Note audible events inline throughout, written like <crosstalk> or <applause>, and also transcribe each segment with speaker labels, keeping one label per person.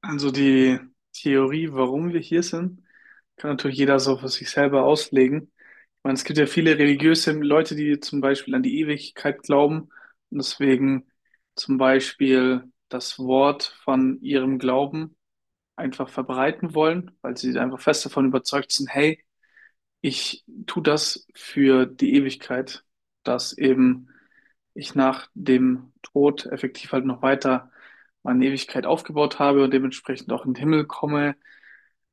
Speaker 1: Also die Theorie, warum wir hier sind, kann natürlich jeder so für sich selber auslegen. Ich meine, es gibt ja viele religiöse Leute, die zum Beispiel an die Ewigkeit glauben und deswegen zum Beispiel das Wort von ihrem Glauben einfach verbreiten wollen, weil sie einfach fest davon überzeugt sind, hey, ich tue das für die Ewigkeit, dass eben ich nach dem Tod effektiv halt noch weiter meine Ewigkeit aufgebaut habe und dementsprechend auch in den Himmel komme.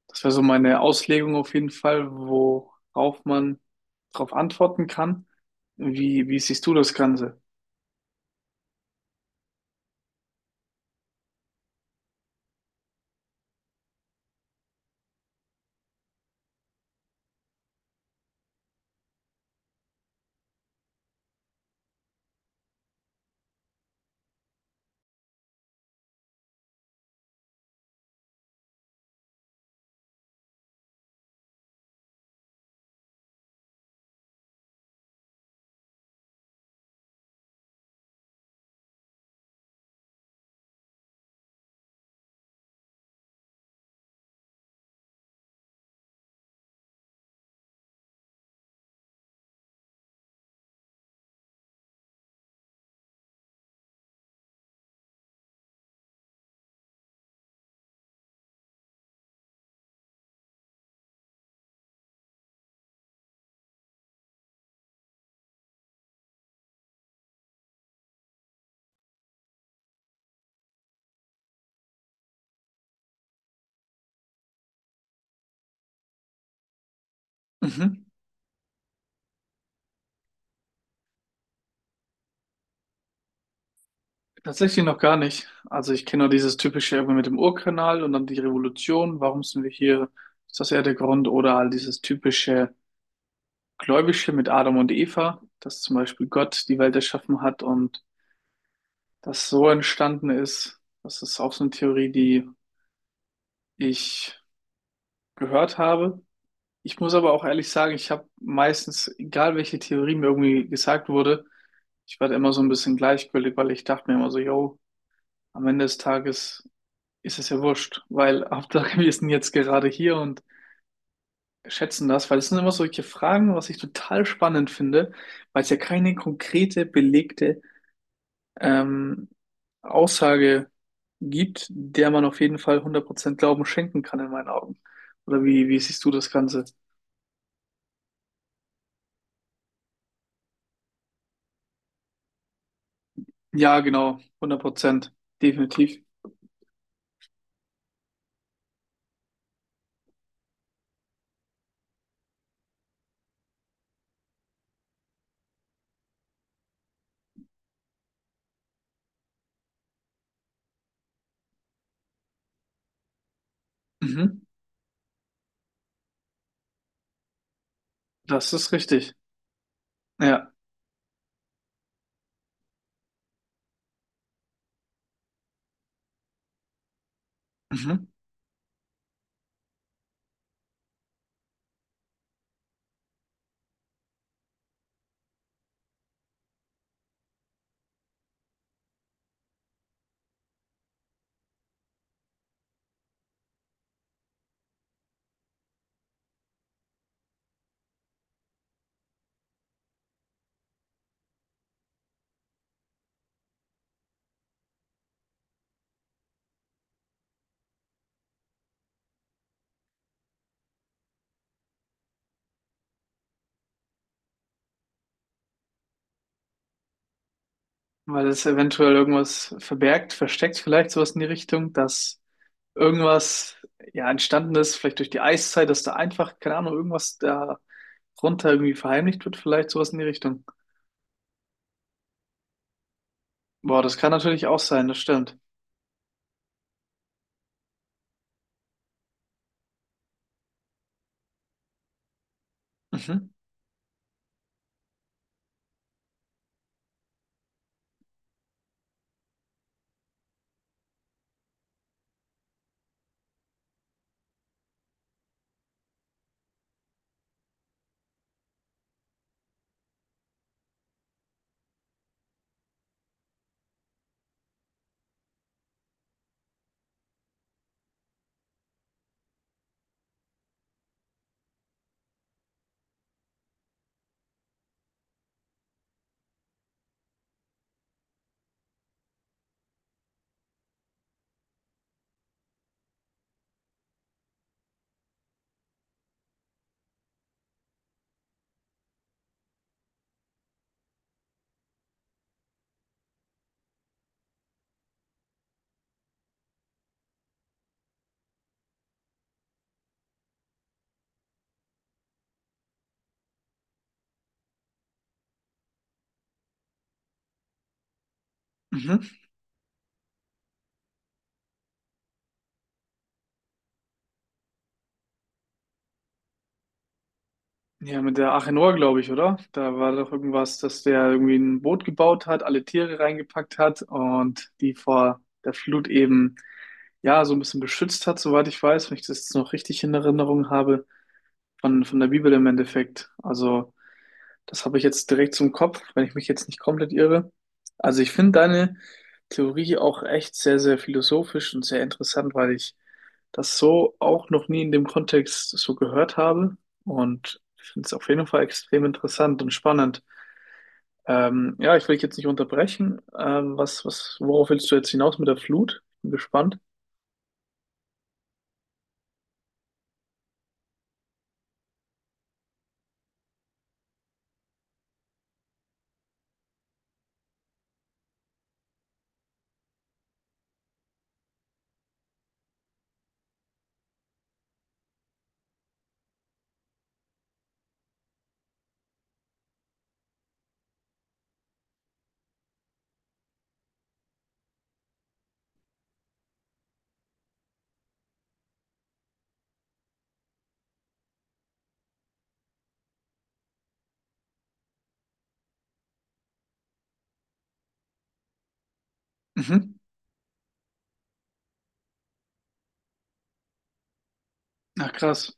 Speaker 1: Das wäre so meine Auslegung auf jeden Fall, worauf man darauf antworten kann. Wie siehst du das Ganze? Mhm. Tatsächlich noch gar nicht. Also ich kenne nur dieses typische irgendwie mit dem Urkanal und dann die Revolution. Warum sind wir hier? Ist das eher der Grund? Oder all dieses typische Gläubische mit Adam und Eva, dass zum Beispiel Gott die Welt erschaffen hat und das so entstanden ist. Das ist auch so eine Theorie, die ich gehört habe. Ich muss aber auch ehrlich sagen, ich habe meistens, egal welche Theorie mir irgendwie gesagt wurde, ich war da immer so ein bisschen gleichgültig, weil ich dachte mir immer so, yo, am Ende des Tages ist es ja wurscht, weil <laughs> Hauptsache wir sind jetzt gerade hier und schätzen das, weil es sind immer solche Fragen, was ich total spannend finde, weil es ja keine konkrete, belegte ähm, Aussage gibt, der man auf jeden Fall hundert Prozent Glauben schenken kann in meinen Augen. Oder wie siehst du das Ganze? Ja, genau, hundert Prozent, definitiv. Mhm. Das ist richtig. Ja. Mhm. Weil es eventuell irgendwas verbergt, versteckt, vielleicht sowas in die Richtung, dass irgendwas ja entstanden ist, vielleicht durch die Eiszeit, dass da einfach, keine Ahnung, irgendwas da runter irgendwie verheimlicht wird, vielleicht sowas in die Richtung. Boah, das kann natürlich auch sein, das stimmt. Mhm. Mhm. Ja, mit der Achenor, glaube ich, oder? Da war doch irgendwas, dass der irgendwie ein Boot gebaut hat, alle Tiere reingepackt hat und die vor der Flut eben ja so ein bisschen beschützt hat, soweit ich weiß, wenn ich das jetzt noch richtig in Erinnerung habe, von der Bibel im Endeffekt. Also, das habe ich jetzt direkt zum Kopf, wenn ich mich jetzt nicht komplett irre. Also ich finde deine Theorie auch echt sehr, sehr philosophisch und sehr interessant, weil ich das so auch noch nie in dem Kontext so gehört habe. Und ich finde es auf jeden Fall extrem interessant und spannend. Ja, ich will dich jetzt nicht unterbrechen. Worauf willst du jetzt hinaus mit der Flut? Bin gespannt. Mhm. Ach, krass.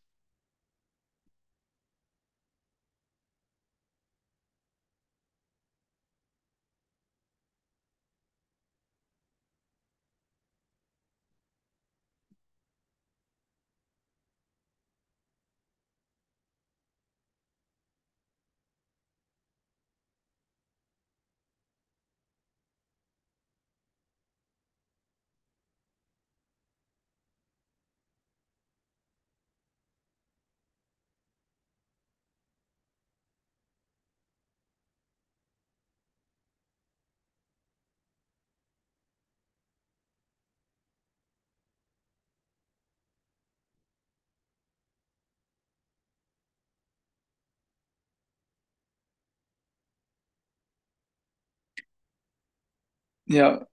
Speaker 1: Ja,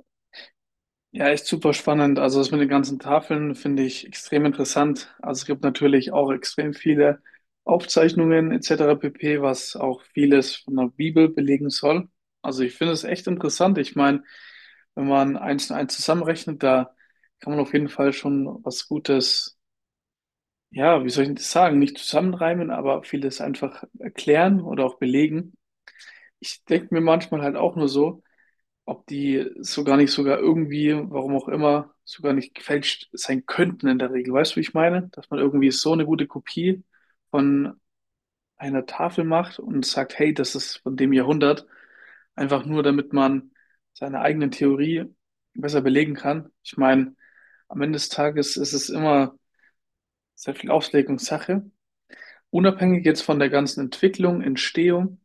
Speaker 1: ja, echt super spannend. Also das mit den ganzen Tafeln finde ich extrem interessant. Also es gibt natürlich auch extrem viele Aufzeichnungen etc. pp., was auch vieles von der Bibel belegen soll. Also ich finde es echt interessant. Ich meine, wenn man eins und eins zusammenrechnet, da kann man auf jeden Fall schon was Gutes, ja, wie soll ich das sagen, nicht zusammenreimen, aber vieles einfach erklären oder auch belegen. Ich denke mir manchmal halt auch nur so, ob die so gar nicht sogar irgendwie, warum auch immer, sogar nicht gefälscht sein könnten in der Regel. Weißt du, wie ich meine? Dass man irgendwie so eine gute Kopie von einer Tafel macht und sagt, hey, das ist von dem Jahrhundert, einfach nur damit man seine eigene Theorie besser belegen kann. Ich meine, am Ende des Tages ist es immer sehr viel Auslegungssache. Unabhängig jetzt von der ganzen Entwicklung, Entstehung,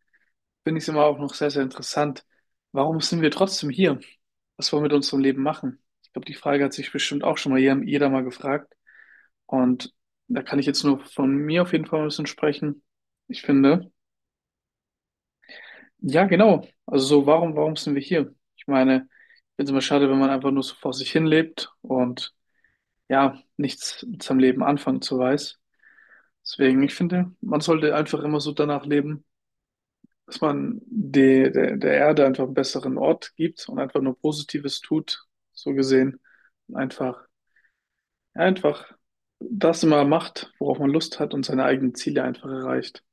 Speaker 1: finde ich es immer auch noch sehr, sehr interessant. Warum sind wir trotzdem hier? Was wollen wir mit unserem Leben machen? Ich glaube, die Frage hat sich bestimmt auch schon mal jeder mal gefragt. Und da kann ich jetzt nur von mir auf jeden Fall ein bisschen sprechen. Ich finde, ja, genau. Also so, warum sind wir hier? Ich meine, ich finde es immer schade, wenn man einfach nur so vor sich hin lebt und ja, nichts mit seinem Leben anfangen zu weiß. Deswegen, ich finde, man sollte einfach immer so danach leben, dass man der Erde einfach einen besseren Ort gibt und einfach nur Positives tut, so gesehen. Und einfach, ja, einfach das immer macht, worauf man Lust hat und seine eigenen Ziele einfach erreicht.